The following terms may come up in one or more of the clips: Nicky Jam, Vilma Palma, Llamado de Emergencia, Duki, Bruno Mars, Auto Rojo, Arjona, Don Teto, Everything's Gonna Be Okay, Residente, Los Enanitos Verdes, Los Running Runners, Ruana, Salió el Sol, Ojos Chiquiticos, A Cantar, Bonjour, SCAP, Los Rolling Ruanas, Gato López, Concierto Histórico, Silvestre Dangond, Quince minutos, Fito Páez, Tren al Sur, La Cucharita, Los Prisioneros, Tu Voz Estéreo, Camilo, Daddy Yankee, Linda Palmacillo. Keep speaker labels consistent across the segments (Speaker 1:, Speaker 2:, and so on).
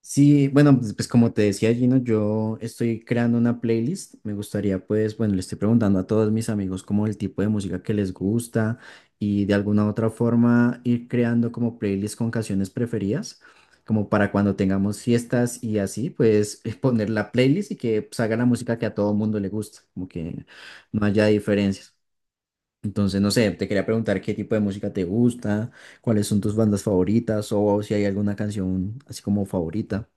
Speaker 1: Sí, bueno, pues como te decía Gino, yo estoy creando una playlist. Me gustaría, pues, bueno, le estoy preguntando a todos mis amigos como el tipo de música que les gusta y de alguna u otra forma ir creando como playlist con canciones preferidas, como para cuando tengamos fiestas y así, pues poner la playlist y que salga la música que a todo mundo le gusta, como que no haya diferencias. Entonces, no sé, te quería preguntar qué tipo de música te gusta, cuáles son tus bandas favoritas o si hay alguna canción así como favorita.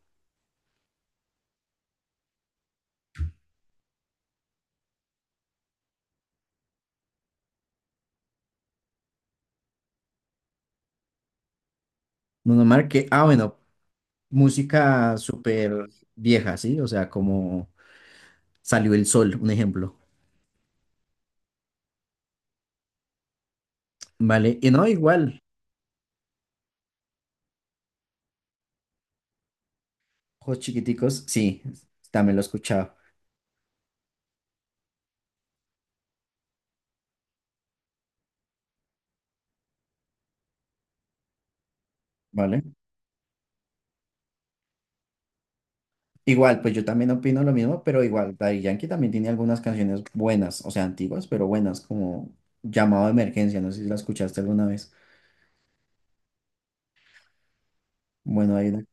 Speaker 1: Bruno Mars, que, bueno, música súper vieja, ¿sí? O sea, como Salió el Sol, un ejemplo, ¿vale? Y no, igual, Ojos Chiquiticos, sí, también lo he escuchado, ¿vale? Igual, pues yo también opino lo mismo, pero igual, Daddy Yankee también tiene algunas canciones buenas, o sea, antiguas, pero buenas, como Llamado de Emergencia, no sé si la escuchaste alguna vez. Bueno, hay una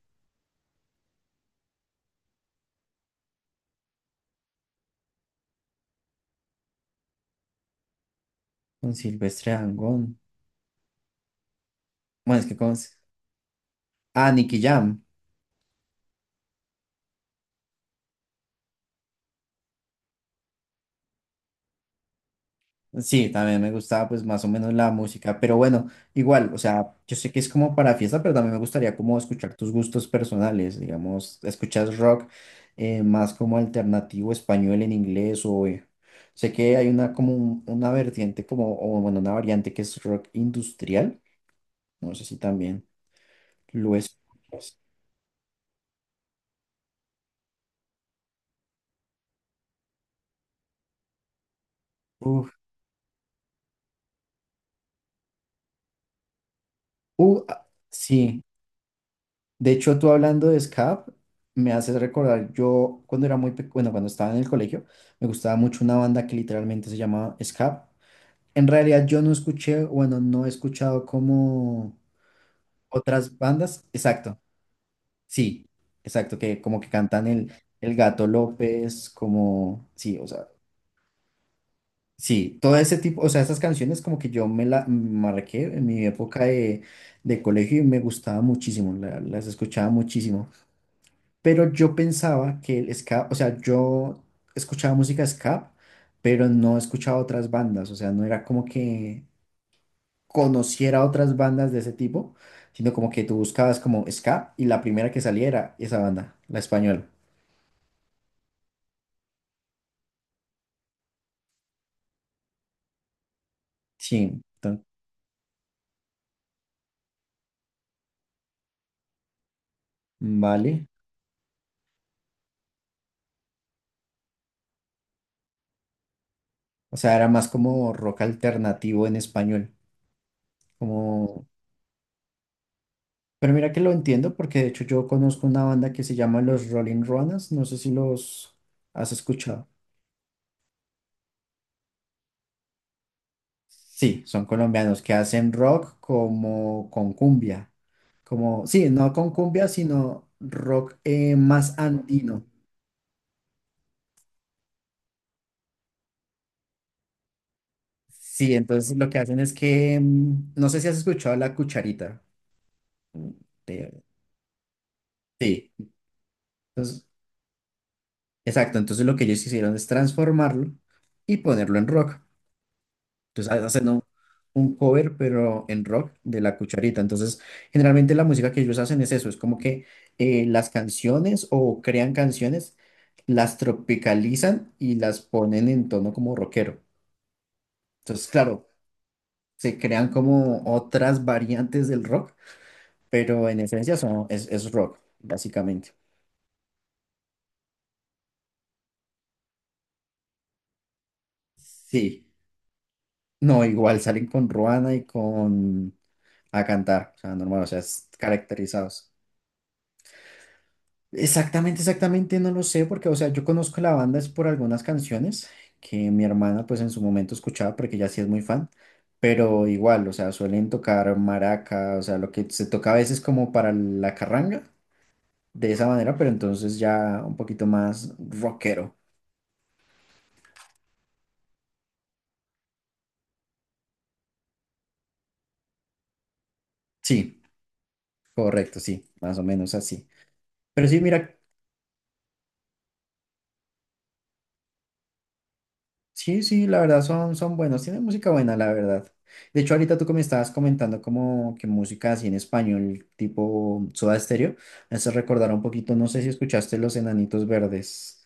Speaker 1: con Silvestre Dangond, bueno, es que con... Ah, Nicky Jam. Sí, también me gustaba pues más o menos la música, pero bueno, igual, o sea, yo sé que es como para fiesta, pero también me gustaría como escuchar tus gustos personales, digamos, escuchas rock más como alternativo español en inglés o sé que hay una como una vertiente como, o bueno, una variante que es rock industrial, no sé si también lo es. Uf, ah, sí. De hecho, tú hablando de SCAP, me haces recordar, yo cuando era muy pequeño, bueno, cuando estaba en el colegio, me gustaba mucho una banda que literalmente se llamaba SCAP. En realidad yo no escuché, bueno, no he escuchado como otras bandas, exacto, sí, exacto, que como que cantan el, Gato López, como, sí, o sea, sí, todo ese tipo, o sea, esas canciones como que yo me la marqué en mi época de colegio y me gustaba muchísimo, las escuchaba muchísimo. Pero yo pensaba que el ska, o sea, yo escuchaba música ska, pero no escuchaba otras bandas, o sea, no era como que conociera otras bandas de ese tipo, sino como que tú buscabas como ska y la primera que saliera esa banda, la española. Sí, vale. O sea, era más como rock alternativo en español, como... Pero mira que lo entiendo porque de hecho yo conozco una banda que se llama Los Rolling Ruanas, no sé si los has escuchado. Sí, son colombianos que hacen rock como con cumbia. Como, sí, no con cumbia, sino rock más andino. Sí, entonces lo que hacen es que, no sé si has escuchado la cucharita. mm, de- sí, entonces, exacto, entonces lo que ellos hicieron es transformarlo y ponerlo en rock. Entonces hacen un cover, pero en rock, de La Cucharita. Entonces, generalmente la música que ellos hacen es eso, es como que las canciones o crean canciones, las tropicalizan y las ponen en tono como rockero. Entonces, claro, se crean como otras variantes del rock, pero en esencia son, es rock, básicamente. Sí. No, igual salen con Ruana y con A Cantar, o sea, normal, o sea, es caracterizados. Exactamente, exactamente, no lo sé, porque, o sea, yo conozco la banda es por algunas canciones que mi hermana, pues, en su momento escuchaba, porque ella sí es muy fan, pero igual, o sea, suelen tocar maraca, o sea, lo que se toca a veces como para la carranga, de esa manera, pero entonces ya un poquito más rockero. Sí, correcto, sí, más o menos así. Pero sí, mira, sí, sí, la verdad son buenos, tienen música buena, la verdad. De hecho, ahorita tú que me estabas comentando como que música así en español, tipo Soda Stereo, me hace recordar un poquito, no sé si escuchaste Los Enanitos Verdes.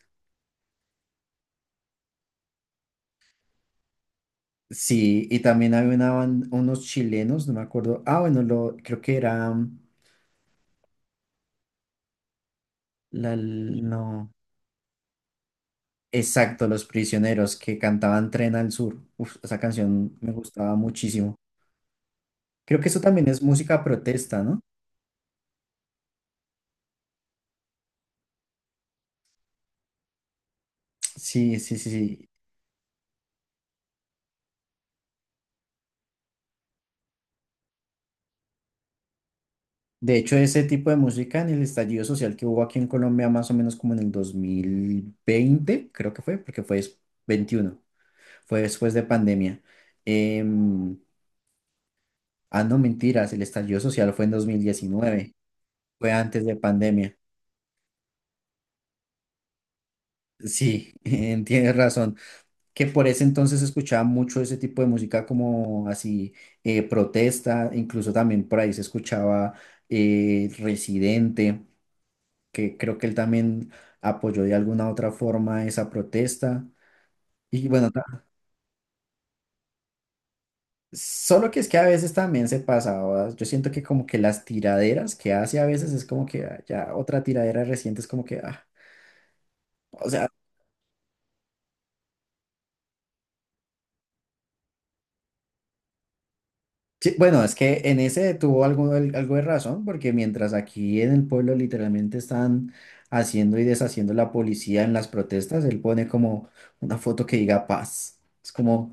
Speaker 1: Sí, y también había una unos chilenos, no me acuerdo. Ah, bueno, lo, creo que era la, no, exacto, Los Prisioneros que cantaban Tren al Sur. Uf, esa canción me gustaba muchísimo. Creo que eso también es música protesta, ¿no? Sí, sí, sí, sí. De hecho, ese tipo de música en el estallido social que hubo aquí en Colombia más o menos como en el 2020 creo que fue, porque fue 21 fue después de pandemia. Em, ah, no, mentiras, el estallido social fue en 2019 fue antes de pandemia. Sí, tienes razón. Que por ese entonces escuchaba mucho ese tipo de música como así, protesta, incluso también por ahí se escuchaba Residente, que creo que él también apoyó de alguna otra forma esa protesta. Y bueno, solo que es que a veces también se pasaba, yo siento que como que las tiraderas que hace a veces es como que ah, ya otra tiradera reciente es como que, ah, o sea, sí, bueno, es que en ese tuvo algo, algo de razón, porque mientras aquí en el pueblo literalmente están haciendo y deshaciendo la policía en las protestas, él pone como una foto que diga paz. Es como...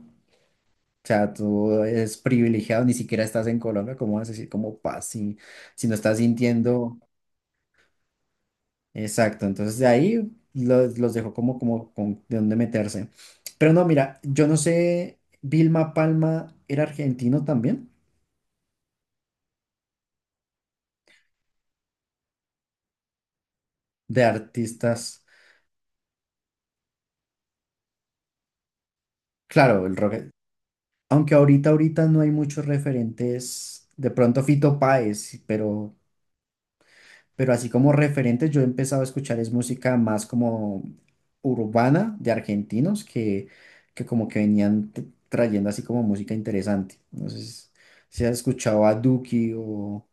Speaker 1: O sea, tú eres privilegiado, ni siquiera estás en Colombia, ¿cómo vas a decir como paz si, no estás sintiendo? Exacto, entonces de ahí los dejo como con de dónde meterse. Pero no, mira, yo no sé, Vilma Palma era argentino también, de artistas, claro, el rock, aunque ahorita, ahorita no hay muchos referentes, de pronto Fito Páez, pero así como referentes yo he empezado a escuchar es música más como urbana de argentinos que, como que venían trayendo así como música interesante. No sé si has escuchado a Duki o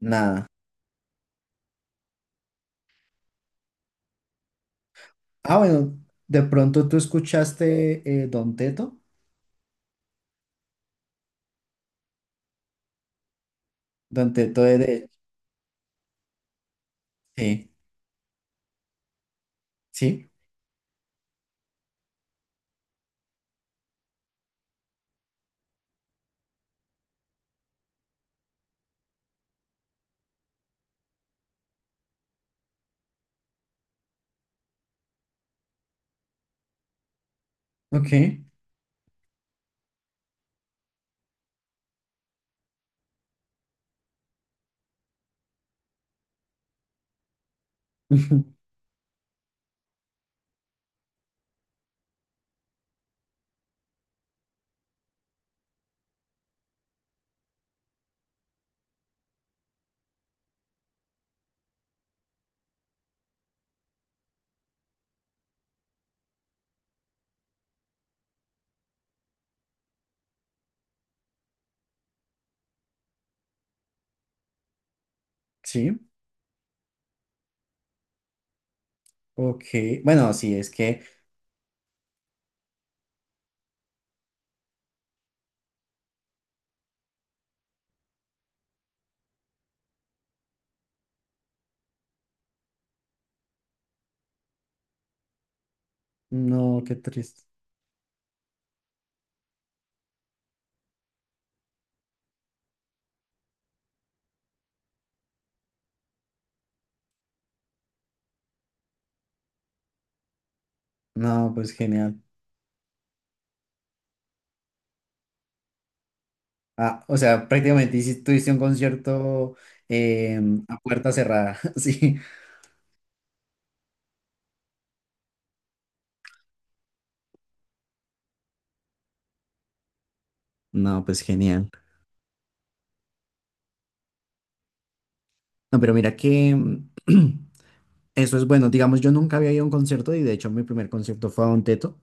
Speaker 1: nada. Ah, bueno, de pronto tú escuchaste Don Teto. Don Teto es de... Sí, sí, ok. Sí, ok. Bueno, sí, es que... No, qué triste. No, pues genial. Ah, o sea, prácticamente tuviste un concierto eh, a puerta cerrada, sí. No, pues genial. No, pero mira que eso es bueno. Digamos, yo nunca había ido a un concierto y de hecho mi primer concierto fue a Don Teto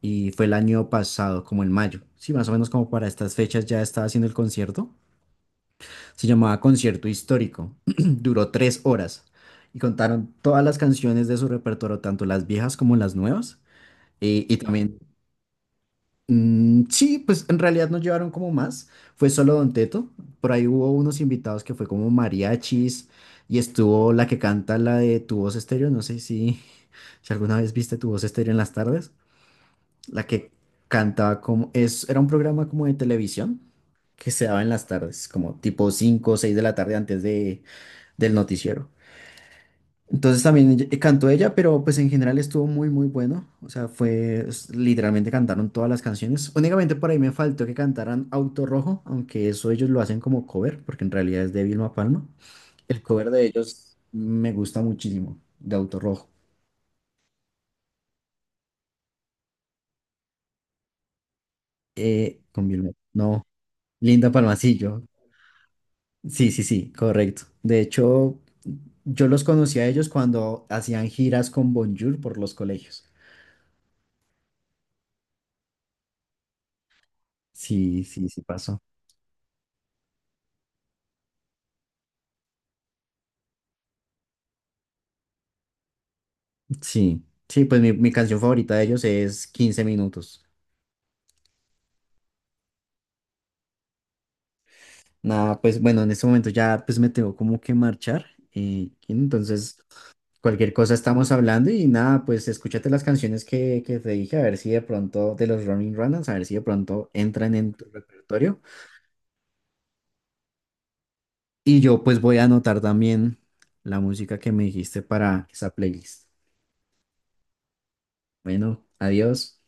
Speaker 1: y fue el año pasado, como en mayo. Sí, más o menos como para estas fechas ya estaba haciendo el concierto. Se llamaba Concierto Histórico. Duró 3 horas y contaron todas las canciones de su repertorio, tanto las viejas como las nuevas. Y también Mm, sí, pues en realidad no llevaron como más, fue solo Don Teto, por ahí hubo unos invitados que fue como mariachis y estuvo la que canta la de Tu Voz Estéreo, no sé si, si alguna vez viste Tu Voz Estéreo en las tardes, la que cantaba como, es, era un programa como de televisión que se daba en las tardes, como tipo 5 o 6 de la tarde antes de, del noticiero. Entonces también cantó ella, pero pues en general estuvo muy, muy bueno. O sea, fue, literalmente cantaron todas las canciones. Únicamente por ahí me faltó que cantaran Auto Rojo, aunque eso ellos lo hacen como cover, porque en realidad es de Vilma Palma. El cover de ellos me gusta muchísimo, de Auto Rojo. Con Vilma, no, Linda Palmacillo. Sí, sí, sí, correcto. De hecho, yo los conocí a ellos cuando hacían giras con Bonjour por los colegios. Sí, sí, sí pasó. Sí, sí, pues mi, canción favorita de ellos es Quince minutos. Nada, pues bueno, en este momento ya pues me tengo como que marchar. Entonces, cualquier cosa estamos hablando y nada, pues escúchate las canciones que te dije, a ver si de pronto, de los Running Runners, a ver si de pronto entran en tu repertorio. Y yo pues voy a anotar también la música que me dijiste para esa playlist. Bueno, adiós.